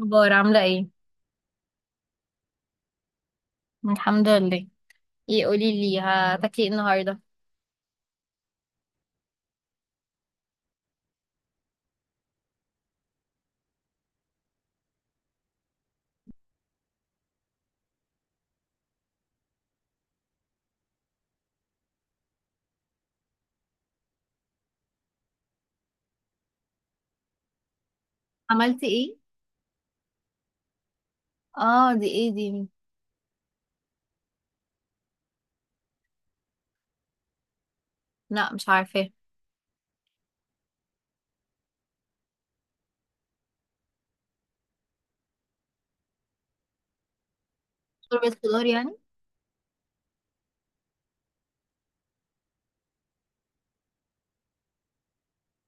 اخبار عامله ايه؟ الحمد لله. ايه قولي لي هتاكلي ايه النهارده؟ عملتي ايه؟ اه دي ايه دي؟ لا مش عارفه. شوربة خضار يعني.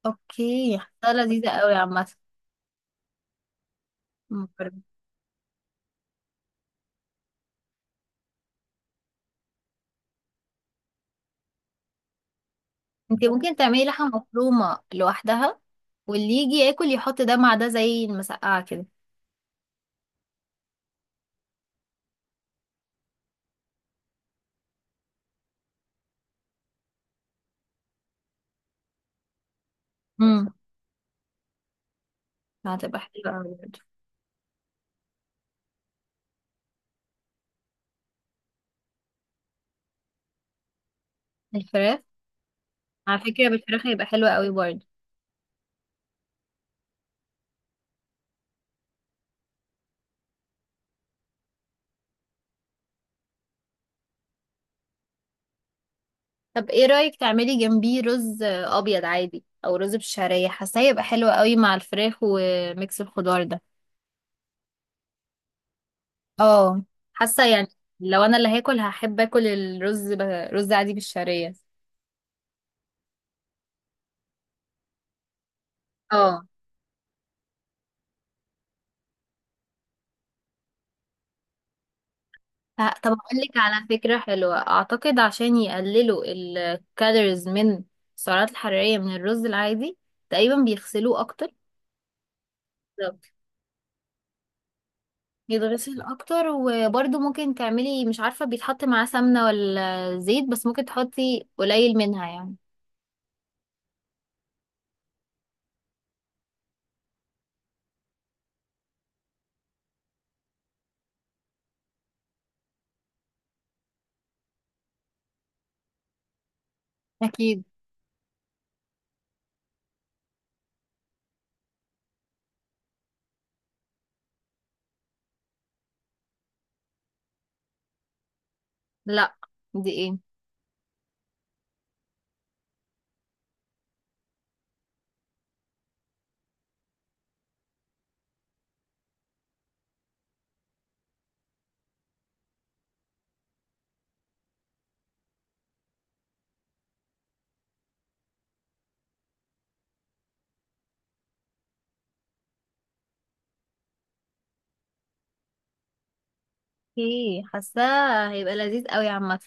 اوكي، حاساها لذيذة قوي عامة. مكرونه. انت ممكن تعملي لحمة مفرومة لوحدها واللي يجي ياكل يحط ده مع ده زي المسقعة كده. امم. هتبقى حلوة قوي برضه. الفراخ. على فكره بالفراخ هيبقى حلو قوي برضه. طب ايه رأيك تعملي جنبيه رز ابيض عادي او رز بالشعرية؟ حاساه يبقى حلو قوي مع الفراخ وميكس الخضار ده. اه. حاسه يعني. لو انا اللي هاكل هحب اكل رز عادي بالشعريه. اه. طب اقول لك على فكره حلوه، اعتقد عشان يقللوا الكالوريز من السعرات الحراريه من الرز العادي تقريبا بيغسلوه اكتر. بالظبط. يتغسل اكتر، وبرده ممكن تعملي مش عارفه بيتحط معاه سمنه ولا زيت بس ممكن تحطي قليل منها يعني. اكيد. لا. دي ايه؟ ايه، حاساه هيبقى لذيذ قوي عامه.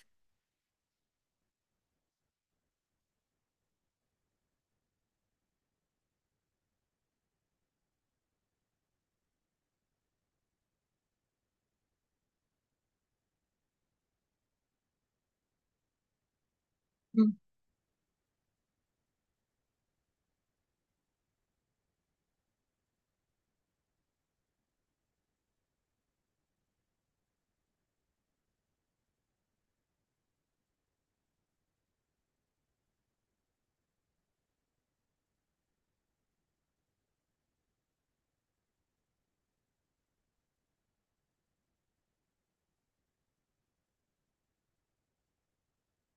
مم.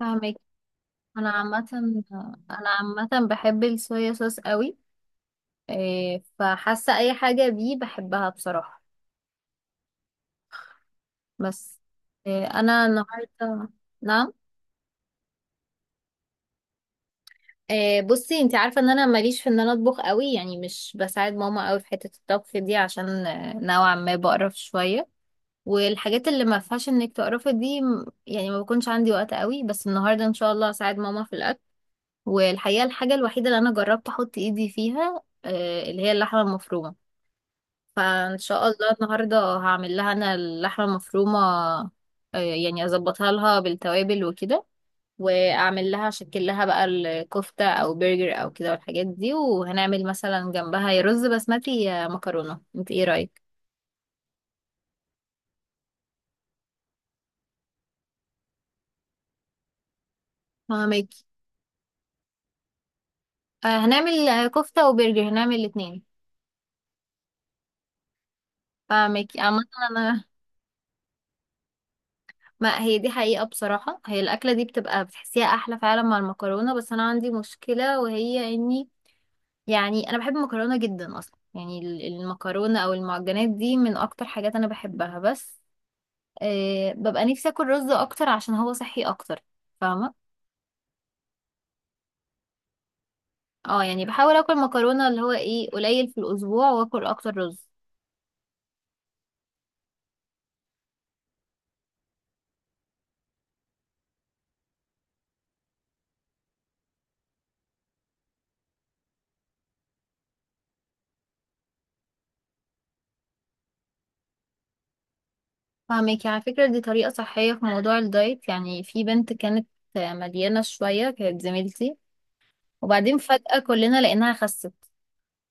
فاهمك. انا عامه انا عامه بحب الصويا صوص قوي. فحاسه اي حاجه بيه بحبها بصراحه. بس. إيه، انا النهارده نعم. بصي، انت عارفه ان انا ماليش في ان انا اطبخ قوي، يعني مش بساعد ماما قوي في حته الطبخ دي عشان نوعا ما بقرف شويه. والحاجات اللي ما فيهاش انك تقرفي دي يعني ما بكونش عندي وقت قوي، بس النهارده ان شاء الله هساعد ماما في الاكل. والحقيقه الحاجه الوحيده اللي انا جربت احط ايدي فيها، اللي هي اللحمه المفرومه. فان شاء الله النهارده هعمل لها انا اللحمه المفرومه. يعني اظبطها لها بالتوابل وكده، واعمل لها اشكل لها بقى الكفته او برجر او كده والحاجات دي. وهنعمل مثلا جنبها يا رز بسمتي يا مكرونه. انت ايه رايك؟ فاهمكي. هنعمل كفته وبرجر، هنعمل الاثنين. فاهمكي عامه. انا ما هي دي حقيقه بصراحه. هي الاكله دي بتبقى بتحسيها احلى فعلا مع المكرونه، بس انا عندي مشكله وهي اني يعني انا بحب المكرونه جدا اصلا. يعني المكرونه او المعجنات دي من اكتر حاجات انا بحبها، بس ببقى نفسي اكل رز اكتر عشان هو صحي اكتر. فاهمه. اه، يعني بحاول اكل مكرونه اللي هو ايه قليل في الاسبوع واكل اكتر رز. فاهمك. يعني على فكره دي طريقه صحيه في موضوع الدايت. يعني في بنت كانت مليانه شويه، كانت زميلتي، وبعدين فجاه كلنا لقيناها خست.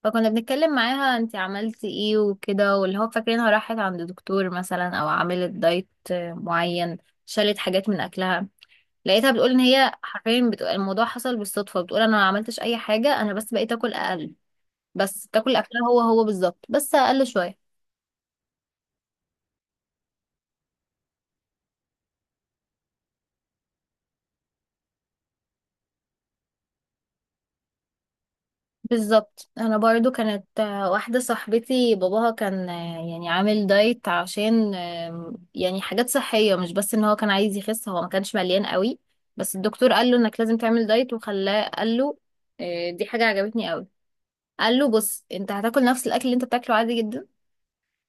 فكنا بنتكلم معاها انتي عملتي ايه وكده، واللي هو فاكرينها راحت عند دكتور مثلا او عملت دايت معين، شالت حاجات من اكلها. لقيتها بتقول ان هي حرفيا بتقول الموضوع حصل بالصدفة. بتقول انا ما عملتش اي حاجة، انا بس بقيت اكل اقل. بس تاكل اكلها هو هو بالظبط بس اقل شوية. بالظبط. انا برضو كانت واحده صاحبتي باباها كان يعني عامل دايت عشان يعني حاجات صحيه، مش بس ان هو كان عايز يخس. هو ما كانش مليان قوي، بس الدكتور قال له انك لازم تعمل دايت وخلاه قال له دي حاجه عجبتني قوي. قال له بص، انت هتاكل نفس الاكل اللي انت بتاكله عادي جدا،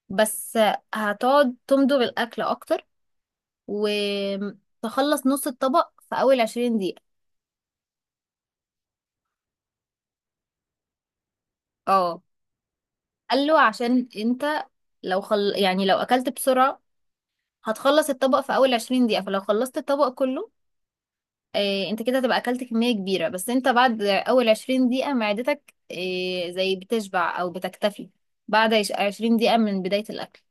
بس هتقعد تمضغ الاكل اكتر وتخلص نص الطبق في اول 20 دقيقه. اه. قال له عشان انت يعني لو اكلت بسرعه هتخلص الطبق في اول 20 دقيقة. فلو خلصت الطبق كله، انت كده هتبقى اكلت كمية كبيرة. بس انت بعد اول 20 دقيقة معدتك زي بتشبع او بتكتفي بعد 20 دقيقة من بداية الاكل.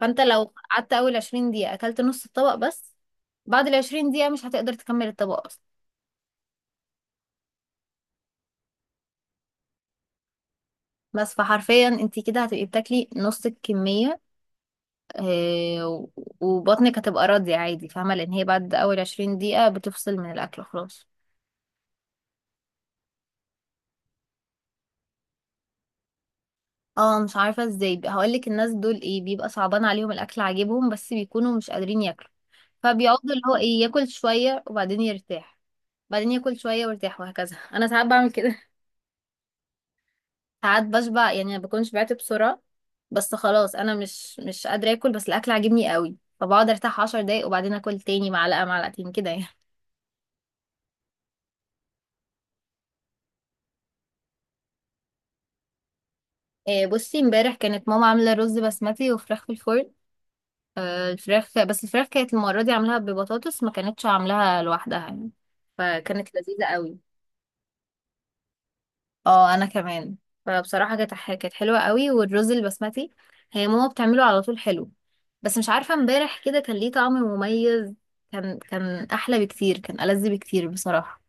فانت لو قعدت اول 20 دقيقة اكلت نص الطبق بس. بعد ال 20 دقيقة مش هتقدر تكمل الطبق اصلا. بس فحرفيا انت كده هتبقي بتاكلي نص الكمية. آه، و- وبطنك هتبقى راضية عادي، فاهمة؟ لان هي بعد اول 20 دقيقة بتفصل من الاكل خلاص. اه، مش عارفة ازاي هقولك. الناس دول ايه بيبقى صعبان عليهم الأكل عاجبهم بس بيكونوا مش قادرين ياكلوا، فبيقعدوا اللي هو ايه ياكل شوية وبعدين يرتاح، بعدين ياكل شوية ويرتاح وهكذا. أنا ساعات بعمل كده. ساعات بشبع يعني ما بكونش بعت بسرعة، بس خلاص أنا مش قادرة آكل بس الأكل عاجبني قوي، فبقعد أرتاح عشر دقايق وبعدين آكل تاني معلقة معلقتين كده يعني. بصي امبارح كانت ماما عاملة رز بسمتي وفراخ في الفرن. الفراخ بس الفراخ كانت المرة دي عاملاها ببطاطس ما كانتش عاملاها لوحدها يعني. فكانت لذيذة قوي. اه انا كمان. فبصراحة كانت حلوة قوي. والرز البسمتي هي ماما بتعمله على طول حلو، بس مش عارفة امبارح كده كان ليه طعم مميز. كان احلى بكتير، كان ألذ بكتير بصراحة.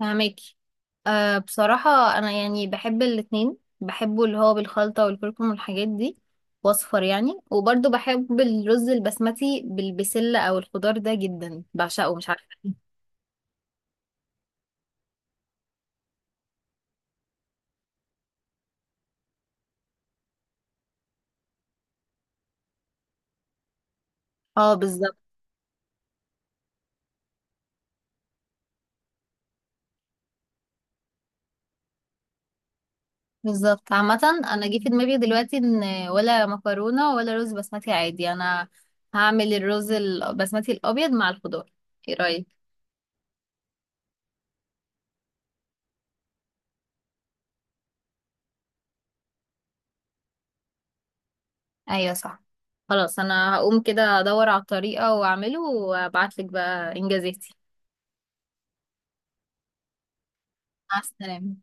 فهماكي. بصراحة أنا يعني بحب الاتنين. بحبه اللي هو بالخلطة والكركم والحاجات دي وأصفر يعني، وبرضه بحب الرز البسمتي بالبسلة أو الخضار ده جدا، بعشقه مش عارفة ليه. اه بالظبط. بالظبط عامة. أنا جه في دماغي دلوقتي إن ولا مكرونة ولا رز بسمتي عادي، أنا هعمل الرز البسمتي الأبيض مع الخضار. ايه رأيك؟ أيوه صح. خلاص، أنا هقوم كده أدور على الطريقة وأعمله وأبعتلك بقى إنجازاتي. مع السلامة.